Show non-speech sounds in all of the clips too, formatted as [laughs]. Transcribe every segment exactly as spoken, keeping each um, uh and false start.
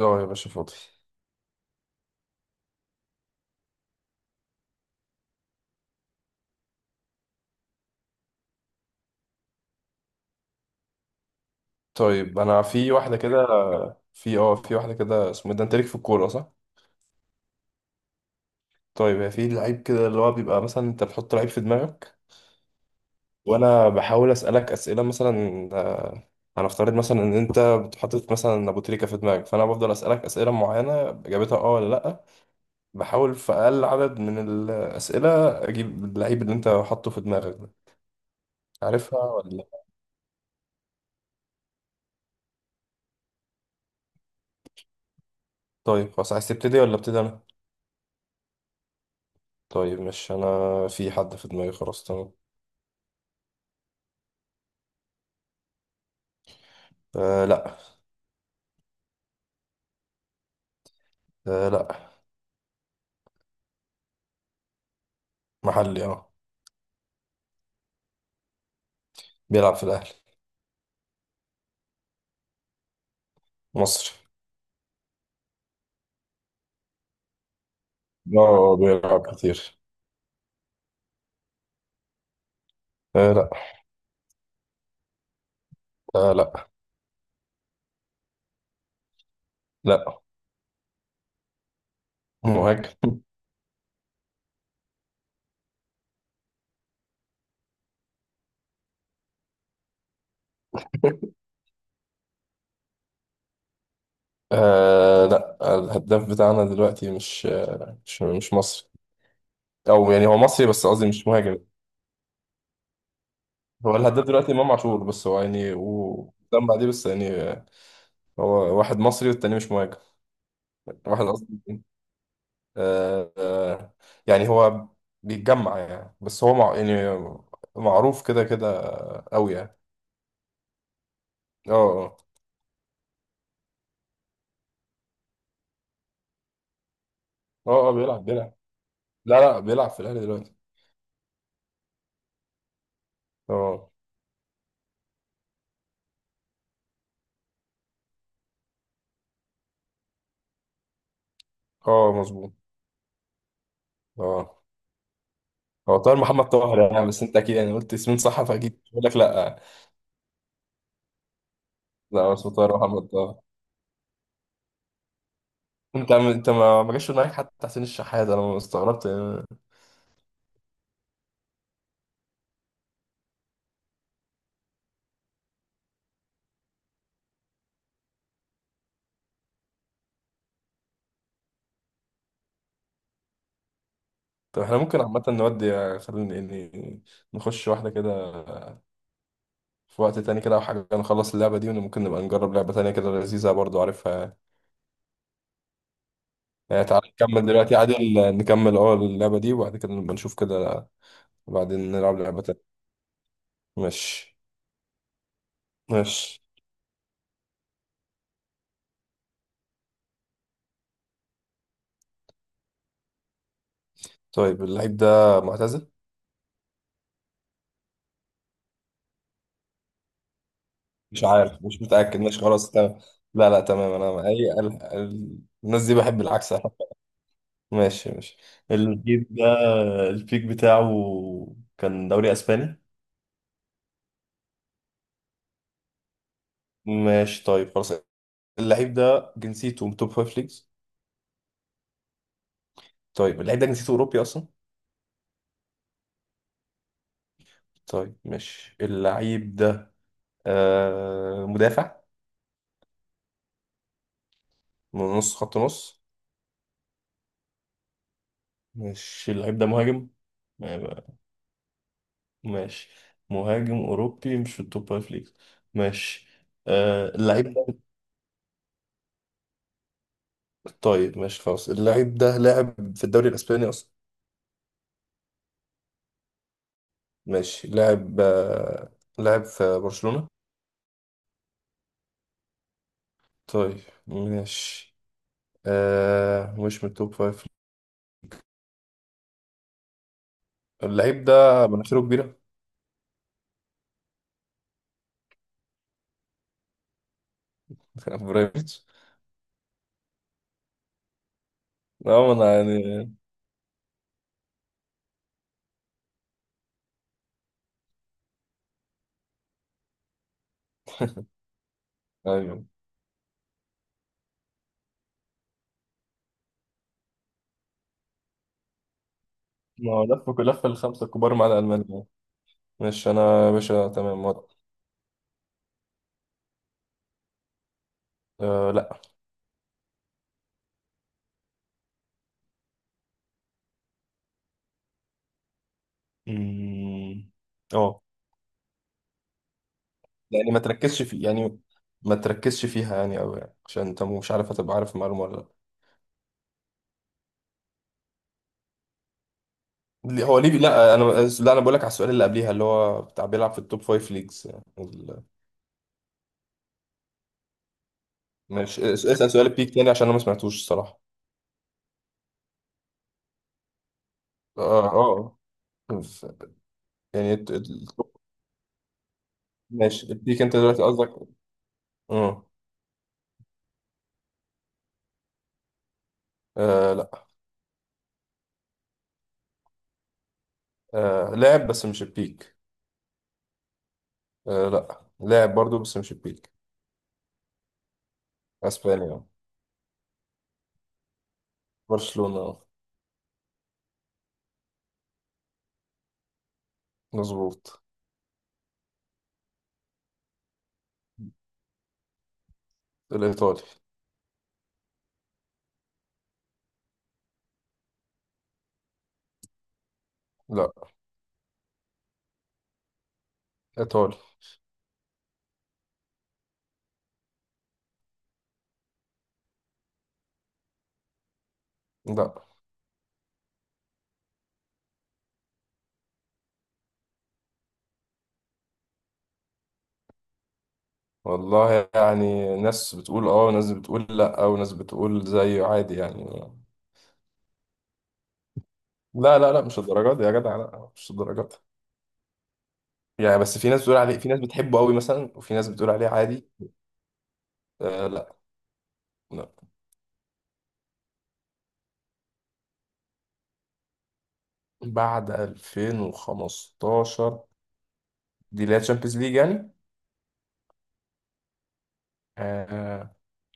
اه يا باشا فاضي. طيب انا في واحده كده. في اه في واحده كده، اسمه إيه ده؟ انت ليك في الكوره صح؟ طيب هي في لعيب كده اللي هو بيبقى مثلا انت بتحط لعيب في دماغك، وانا بحاول اسالك اسئله، مثلا آه، هنفترض مثلا ان انت بتحط مثلا ابو تريكه في دماغك، فانا بفضل اسالك اسئله معينه اجابتها اه ولا لا. بحاول في اقل عدد من الاسئله اجيب اللعيب اللي انت حاطه في دماغك ده. عارفها ولا لا؟ طيب خلاص، عايز تبتدي ولا ابتدي انا؟ طيب مش انا، في حد في دماغي، خلاص تمام. أه لا. آه لا. محلي اه. بيلعب في الأهلي. مصري. اه بيلعب كتير. آه لا. آه لا. لا. مهاجم. آه لا. الهداف بتاعنا دلوقتي مش مش مش مصري، أو يعني هو مصري بس قصدي مش مهاجم. هو الهداف دلوقتي إمام عاشور، بس هو يعني وسام بعديه، بس يعني آه، هو واحد مصري والتاني مش مهاجم. واحد قصدي. آه آه. يعني هو بيتجمع يعني، بس هو مع يعني معروف كده كده قوي يعني. اه اه. اه آه، بيلعب بيلعب. لا لا بيلعب في الاهلي دلوقتي. اه. اه مظبوط. اه. هو طاهر محمد طاهر يعني، بس انت اكيد يعني قلت اسمين صح، فاكيد بقول لك لا. لا بس هو طاهر محمد طاهر. انت انت ما ما جاش في دماغك حتى حسين الشحات، انا استغربت يعني. طب احنا ممكن عامه نودي خلينا يعني نخش واحده كده في وقت تاني كده او حاجه، نخلص اللعبه دي وممكن نبقى نجرب لعبه تانيه كده لذيذه برضو عارفها. يعني تعال نكمل دلوقتي عادل، نكمل اه اللعبه دي وبعد كده نبقى نشوف كده، بعدين نلعب لعبه تانيه. ماشي. ماشي. طيب اللعيب ده معتزل؟ مش عارف مش متأكد، ماشي خلاص تمام. لا لا تمام، انا اي ال- ال- الناس دي بحب العكس. [laughs] ماشي ماشي. الجيل ده، البيك بتاعه كان دوري اسباني. ماشي، طيب خلاص، اللعيب ده جنسيته من توب فايف ليجز؟ طيب اللعيب ده جنسيته اوروبي اصلا؟ طيب ماشي، اللعيب ده آه مدافع؟ من نص، خط نص؟ ماشي، اللعيب ده مهاجم. ماشي. مهاجم أوروبي مش في التوب فايف ليجز، ماشي. آه اللعيب ده، طيب ماشي خلاص، اللعيب ده لاعب في الدوري الأسباني أصلا. ماشي، لاعب آه، لاعب في برشلونة. طيب ماشي. آه مش من التوب فايف. اللعيب ده مناخيره كبيرة. [laughs] ابراهيموفيتش. اه ما انا يعني. ايوه. ما هو لف لف الخمسة الكبار مع الألمان. ماشي انا، يا باشا تمام ورا. آه لا. مم. اه. يعني ما تركزش في، يعني ما تركزش فيها يعني أوي يعني، عشان انت مش عارف هتبقى عارف المعلومه ولا لا. ليه- هو ليفي، لا انا، لا انا بقول لك على السؤال اللي قبليها اللي هو بتاع بيلعب في التوب فايف ليجز، يعني ال- ماشي، اس- اسال سؤال البيك تاني عشان انا ما سمعتوش الصراحه. اه اه. ف- يعني الت- التوب- ماشي البيك انت دلوقتي قصدك. اه. آه لا. آه لاعب بس مش البيك. آه لا، لاعب برضو بس مش البيك. اسبانيا. برشلونه آه. مظبوط. الايطالي. لا. ايطالي. لا. والله يعني ناس بتقول اه وناس بتقول لا وناس بتقول زيه عادي يعني. لا لا لا مش الدرجات دي يا جدع، لا مش الدرجات دي. يعني بس في ناس بتقول عليه، في ناس بتحبه قوي مثلا، وفي ناس بتقول عليه عادي. آه لا. لا بعد ألفين وخمستاشر. دي اللي هي تشامبيونز ليج يعني. آه.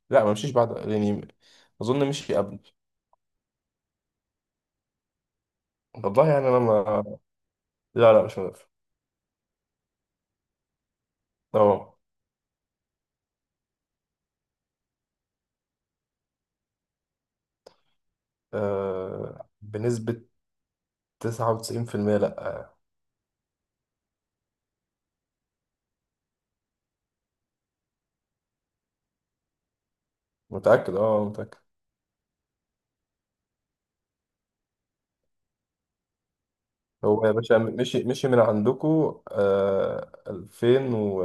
لا ما مشيش بعد يعني، اظن مشي قبل. والله يعني انا ما. لا لا مش مدافع. اه آه، بنسبة تسعة وتسعين في المية لا. متأكد اه متأكد. هو يا باشا مشي مشي من عندكو آه ألفين و،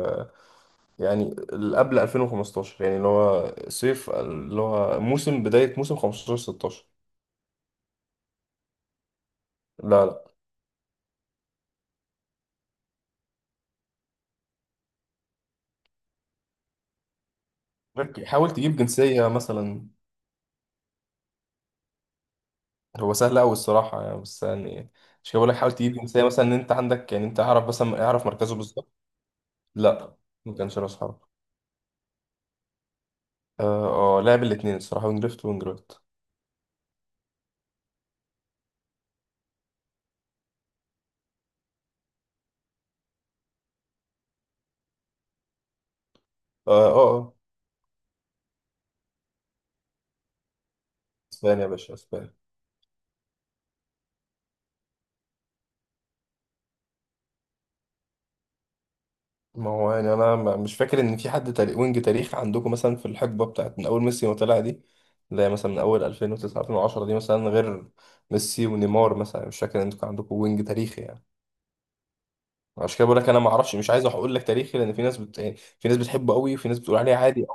يعني ال- قبل ألفين وخمستاشر يعني اللي هو صيف، اللي هو موسم بداية موسم خمستاشر ستاشر. لا لا. غير كده، حاول تجيب جنسية مثلا. هو سهل أوي الصراحة يعني، بس يعني مش كده بقول لك، حاول تجيب جنسية مثلا، إن أنت عندك يعني، أنت أعرف مثلا أعرف مركزه بالظبط. لا ما كانش رأس حرب. اه آه، لعب الاتنين الصراحة، وينج ليفت وينج رايت. اه اه آه. اسبانيا يا باشا، اسبانيا. ما هو يعني انا ما- مش فاكر ان في حد تاريخ وينج، تاريخ عندكم مثلا في الحقبه بتاعت من اول ميسي ما طلع دي، زي مثلا من اول ألفين وتسعة ألفين وعشرة دي مثلا، غير ميسي ونيمار مثلا، مش فاكر ان انتوا كان عندكم وينج تاريخي يعني. عشان كده بقول لك انا ما اعرفش، مش عايز اقول لك تاريخي، لان في ناس بت... يعني في ناس بتحبه قوي وفي ناس بتقول عليه عادي.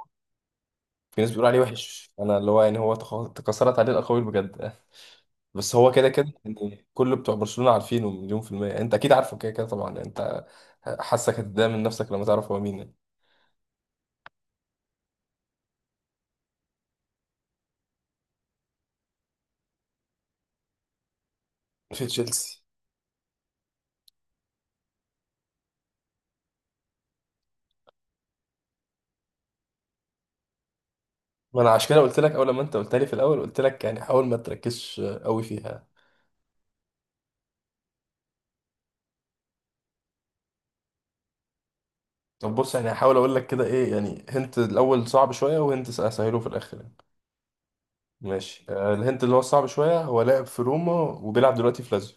في ناس بتقول عليه وحش، انا اللي هو يعني هو تخ- تكسرت عليه الاقاويل بجد. [laughs] بس هو كده كده يعني، كل بتوع برشلونه عارفينه مليون في الميه، انت اكيد عارفه كده كده طبعا انت. حاسك هتتضايق من نفسك لما تعرف هو مين يعني. في تشيلسي. ما انا عشان كده قلت لك اول لما انت قلت لي في الاول قلت لك يعني حاول ما تركزش قوي فيها. طب بص يعني، هحاول اقول لك كده ايه، يعني هنت الاول صعب شويه وهنت اسهله في الاخر يعني. ماشي آه، الهنت اللي هو الصعب شويه هو لاعب في روما وبيلعب دلوقتي في لازيو.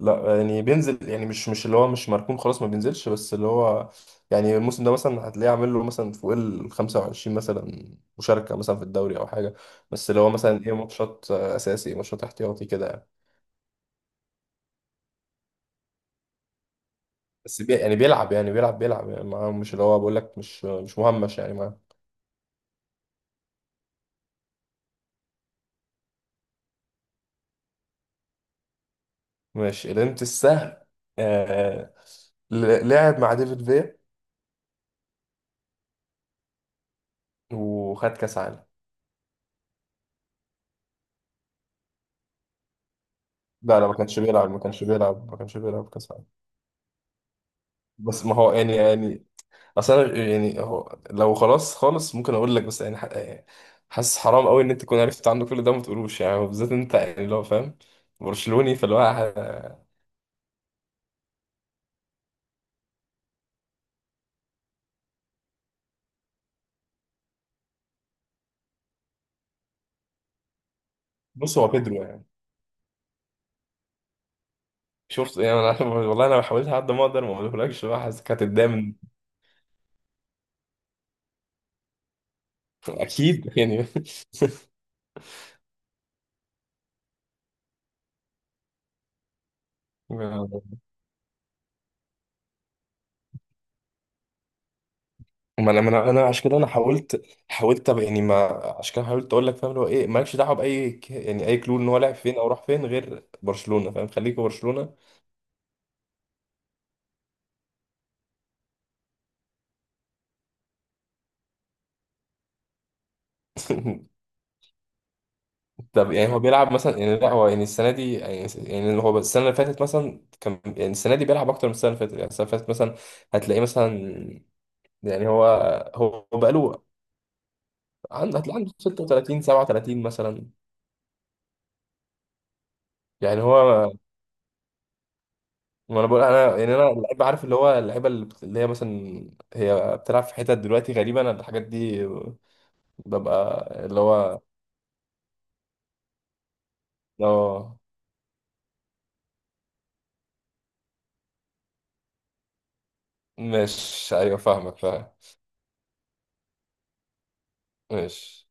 لا يعني بينزل يعني، مش مش اللي هو مش مركون خلاص ما بينزلش، بس اللي هو يعني الموسم ده مثلا هتلاقيه عامل له مثلا فوق ال خمسة وعشرين مثلا مشاركه مثلا في الدوري او حاجه، بس اللي هو مثلا ايه ماتشات آه، اساسي ماتشات احتياطي كده يعني. بس بي... يعني بيلعب يعني بيلعب بيلعب يعني معاه، مش اللي هو بقول لك مش مش مهمش يعني معاه. ماشي الانت السهل آه. ل- لعب مع ديفيد فيا وخد كاس عالم. لا لا ما كانش بيلعب ما كانش بيلعب ما كانش بيلعب كاس عالم. بس ما هو يعني يعني اصلا يعني، هو لو خلاص خالص ممكن اقول لك، بس يعني ح- يعني حاسس حرام قوي ان انت تكون عرفت عنه كل ده وما تقولوش يعني، بالذات انت يعني اللي هو فاهم برشلوني، فاللي هو ه- بص هو بيدرو يعني. شفت يعني انا. [laughs] والله انا حاولت على قد ما اقدر ما اقولهولكش بقى، حاسسك هتتضايق اكيد يعني. [laughs] ما ما انا ما انا أنا عشان كده انا حاولت، حاولت أبقى- يعني ما، عشان كده حاولت اقول لك، فاهم اللي هو ايه، مالكش دعوه باي ك- يعني اي كلو ان هو لعب فين او راح فين غير برشلونه، فاهم، خليك في برشلونه. [laughs] طب يعني هو بيلعب مثلا يعني، لا هو يعني السنه دي يعني يعني، هو السنه اللي فاتت مثلا كان يعني، السنه دي بيلعب اكتر من السنه اللي فاتت، يعني السنه اللي فاتت مثلا هتلاقيه مثلا، يعني هو هو بقاله، عنده، هتلاقي عنده ستة وتلاتين سبعة وتلاتين مثلا، يعني هو. ما انا بقول انا يعني، انا اللعيب عارف اللي هو اللعيبه اللي بت- اللي هي مثلا هي بتلعب في حتت دلوقتي غريبه، انا الحاجات دي ببقى اللي هو اه. مش ايوه، فاهمك فاهم. ماشي